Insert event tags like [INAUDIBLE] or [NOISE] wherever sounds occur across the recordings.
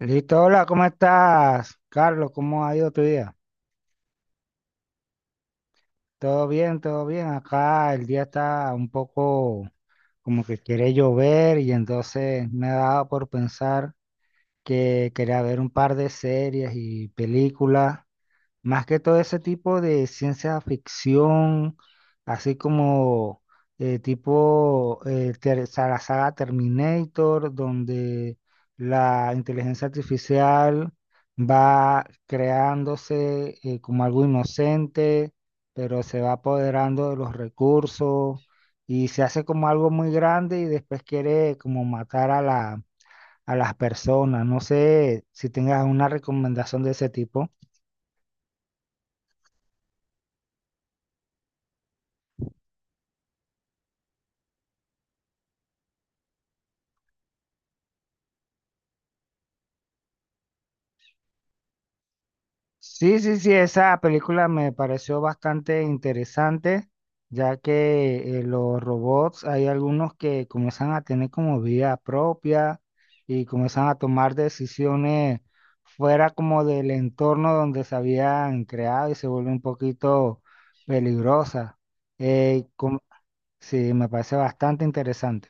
Listo, hola, ¿cómo estás, Carlos? ¿Cómo ha ido tu día? Todo bien, todo bien. Acá el día está un poco como que quiere llover y entonces me ha dado por pensar que quería ver un par de series y películas. Más que todo ese tipo de ciencia ficción, así como tipo la saga Terminator, donde la inteligencia artificial va creándose como algo inocente, pero se va apoderando de los recursos y se hace como algo muy grande y después quiere como matar a a las personas. No sé si tengas una recomendación de ese tipo. Sí, sí, sí, esa película me pareció bastante interesante, ya que los robots hay algunos que comienzan a tener como vida propia y comienzan a tomar decisiones fuera como del entorno donde se habían creado y se vuelve un poquito peligrosa. Eh, com- sí, me parece bastante interesante.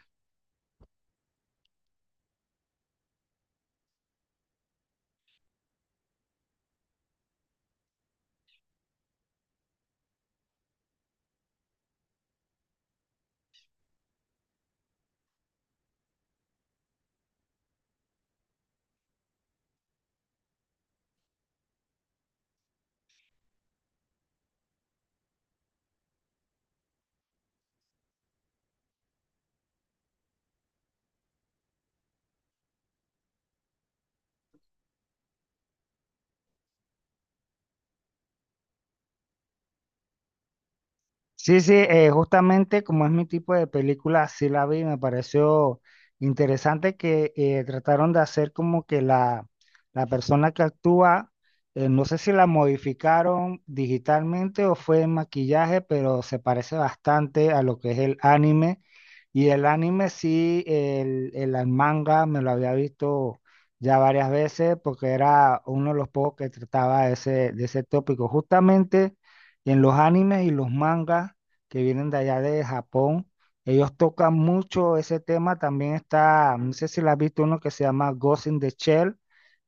Sí, sí, justamente como es mi tipo de película, sí la vi, me pareció interesante que trataron de hacer como que la persona que actúa. No sé si la modificaron digitalmente o fue en maquillaje, pero se parece bastante a lo que es el anime. Y el anime sí, el manga me lo había visto ya varias veces porque era uno de los pocos que trataba de ese tópico. Justamente. Y en los animes y los mangas que vienen de allá de Japón, ellos tocan mucho ese tema. También está, no sé si la has visto uno que se llama Ghost in the Shell,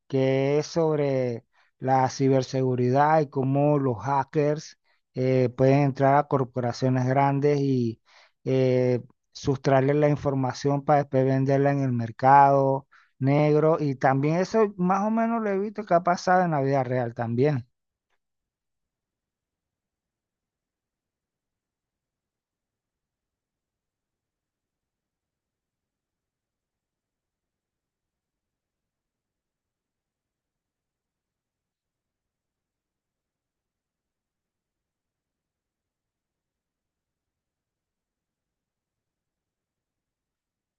que es sobre la ciberseguridad y cómo los hackers pueden entrar a corporaciones grandes y eh, sustraerles la información para después venderla en el mercado negro. Y también eso más o menos lo he visto que ha pasado en la vida real también.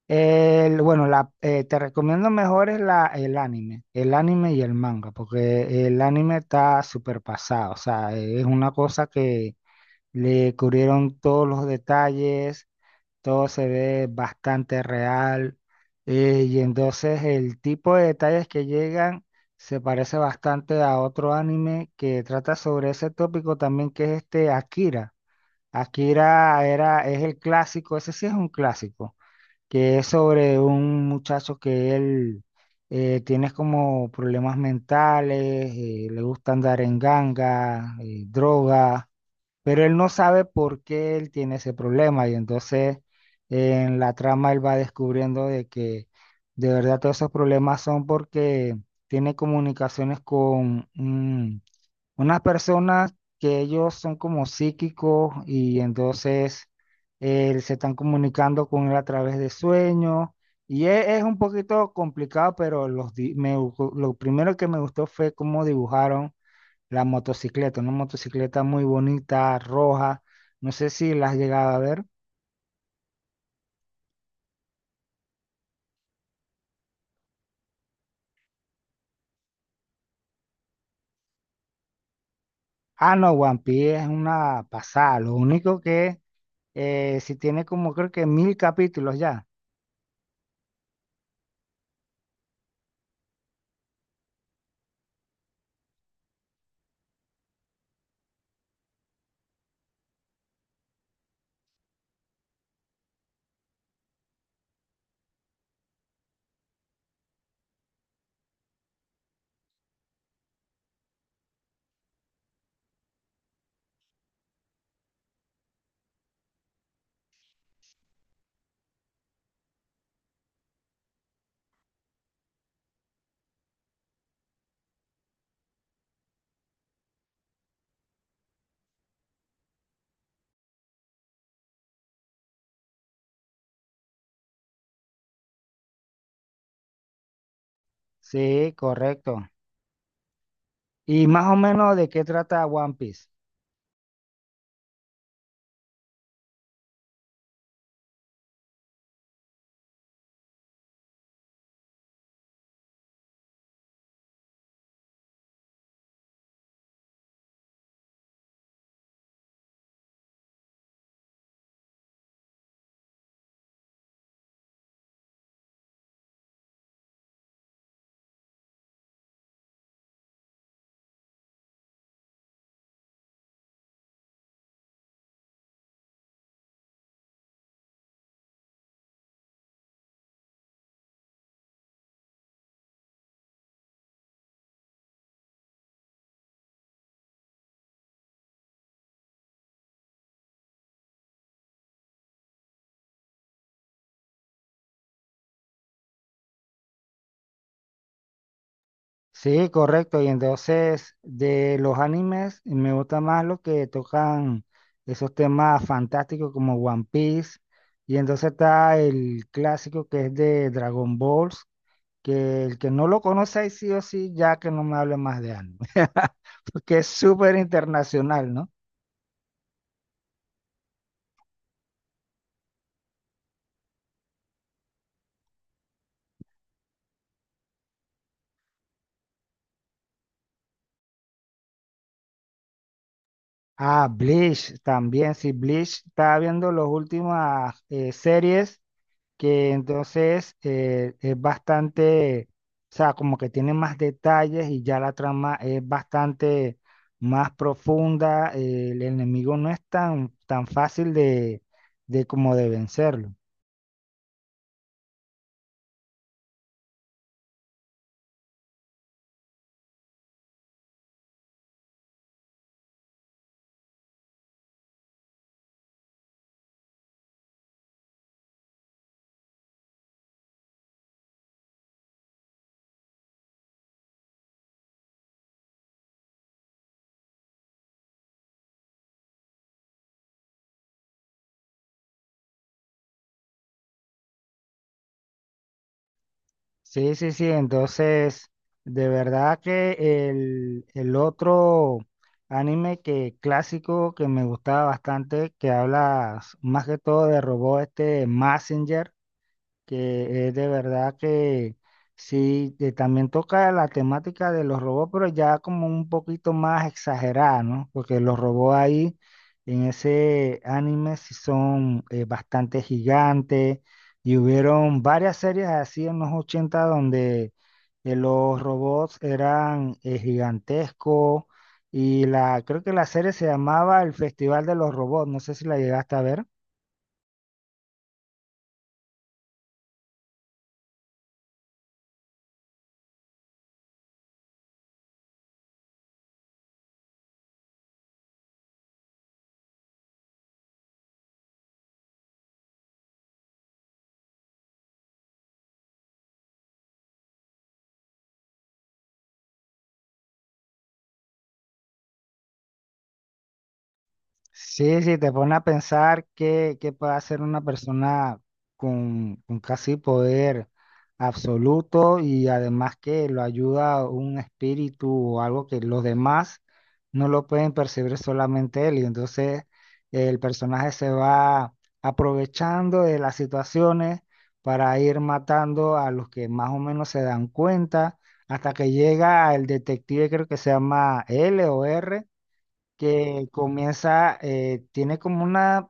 Bueno, te recomiendo mejor es el anime y el manga, porque el anime está súper pasado, o sea, es una cosa que le cubrieron todos los detalles, todo se ve bastante real, y entonces el tipo de detalles que llegan se parece bastante a otro anime que trata sobre ese tópico también, que es este Akira. Akira es el clásico, ese sí es un clásico que es sobre un muchacho que él tiene como problemas mentales, le gusta andar en ganga, droga, pero él no sabe por qué él tiene ese problema y entonces en la trama él va descubriendo de que de verdad todos esos problemas son porque tiene comunicaciones con, unas personas que ellos son como psíquicos y entonces se están comunicando con él a través de sueños y es, un poquito complicado, pero los, di- me gu- lo primero que me gustó fue cómo dibujaron la motocicleta, una motocicleta muy bonita, roja, no sé si la has llegado a ver. Ah, no, One Piece es una pasada, lo único que si tiene como creo que 1.000 capítulos ya. Sí, correcto. Y más o menos, ¿de qué trata One Piece? Sí, correcto. Y entonces de los animes me gusta más lo que tocan esos temas fantásticos como One Piece. Y entonces está el clásico que es de Dragon Balls, que el que no lo conoce ahí sí o sí, ya que no me hable más de anime. [LAUGHS] Porque es súper internacional, ¿no? Ah, Bleach también. Sí, Bleach estaba viendo las últimas series que entonces es bastante, o sea, como que tiene más detalles y ya la trama es bastante más profunda, el enemigo no es tan, tan fácil de, como de vencerlo. Sí, sí, sí, entonces, de verdad que el otro anime que clásico que me gustaba bastante, que habla más que todo de robot, este Messenger. Que es de verdad que sí, que también toca la temática de los robots, pero ya como un poquito más exagerada, ¿no? Porque los robots ahí en ese anime sí son bastante gigantes y hubieron varias series así en los 80 donde los robots eran gigantescos y creo que la serie se llamaba El Festival de los Robots, no sé si la llegaste a ver. Sí, sí, te pone a pensar qué puede hacer una persona con casi poder absoluto y además que lo ayuda un espíritu o algo que los demás no lo pueden percibir solamente él. Y entonces el personaje se va aprovechando de las situaciones para ir matando a los que más o menos se dan cuenta hasta que llega el detective, creo que se llama L o R que comienza, tiene como una,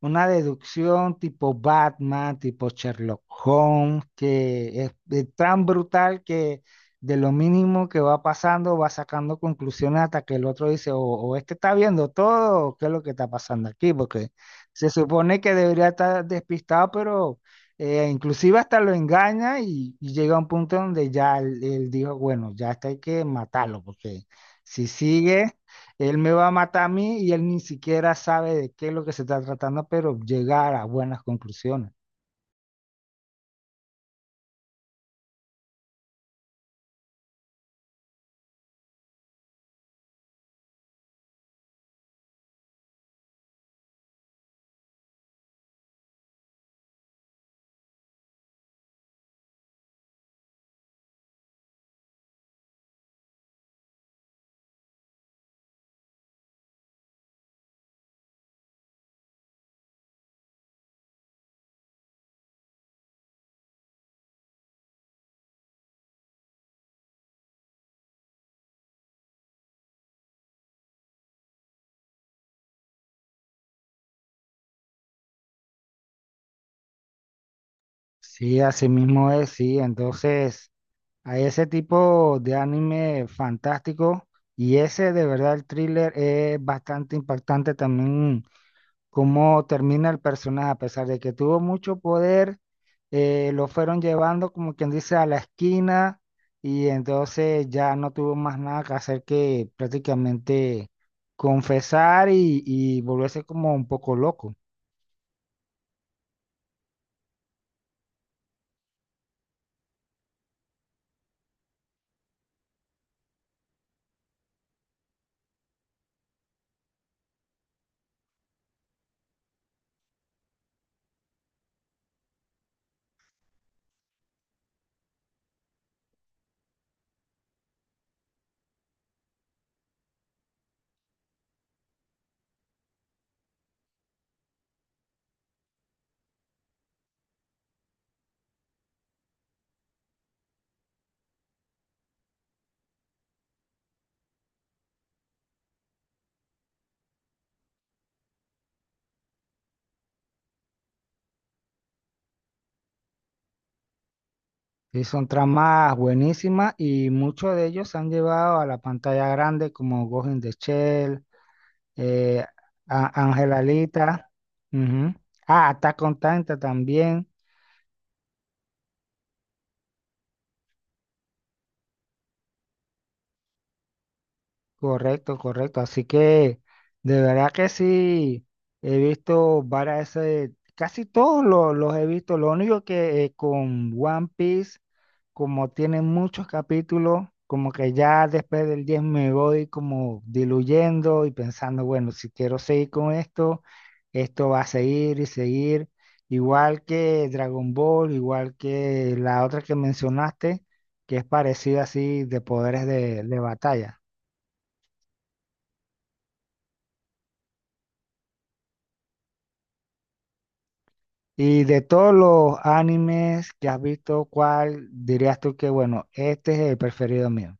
una deducción tipo Batman, tipo Sherlock Holmes, que es tan brutal que de lo mínimo que va pasando va sacando conclusiones hasta que el otro dice, o este está viendo todo, o qué es lo que está pasando aquí, porque se supone que debería estar despistado, pero. Inclusive hasta lo engaña y llega a un punto donde ya él dijo, bueno, ya hasta hay que matarlo, porque si sigue, él me va a matar a mí y él ni siquiera sabe de qué es lo que se está tratando, pero llegar a buenas conclusiones. Sí, así mismo es, sí. Entonces, hay ese tipo de anime fantástico y ese de verdad el thriller es bastante impactante también cómo termina el personaje, a pesar de que tuvo mucho poder, lo fueron llevando como quien dice a la esquina y entonces ya no tuvo más nada que hacer que prácticamente confesar y volverse como un poco loco. Y son tramas buenísimas y muchos de ellos se han llevado a la pantalla grande como Ghost in the Shell, eh, Angelalita, ujú. Ah, Attack on Titan también. Correcto, correcto. Así que de verdad que sí, he visto varias, casi todos los, he visto. Lo único que con One Piece, como tiene muchos capítulos, como que ya después del 10 me voy como diluyendo y pensando, bueno, si quiero seguir con esto, esto va a seguir y seguir. Igual que Dragon Ball, igual que la otra que mencionaste, que es parecida así de poderes de batalla. Y de todos los animes que has visto, ¿cuál dirías tú que, bueno, este es el preferido mío?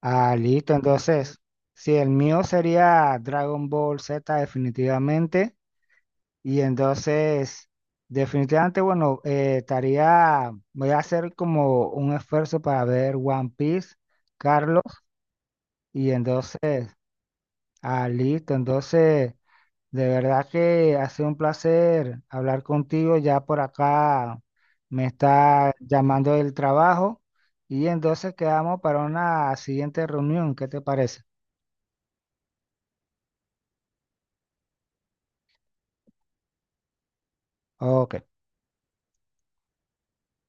Ah, listo, entonces, sí, el mío sería Dragon Ball Z definitivamente. Y entonces, definitivamente, bueno, voy a hacer como un esfuerzo para ver One Piece, Carlos. Y entonces, ah, listo, entonces. De verdad que ha sido un placer hablar contigo. Ya por acá me está llamando del trabajo y entonces quedamos para una siguiente reunión. ¿Qué te parece? Ok.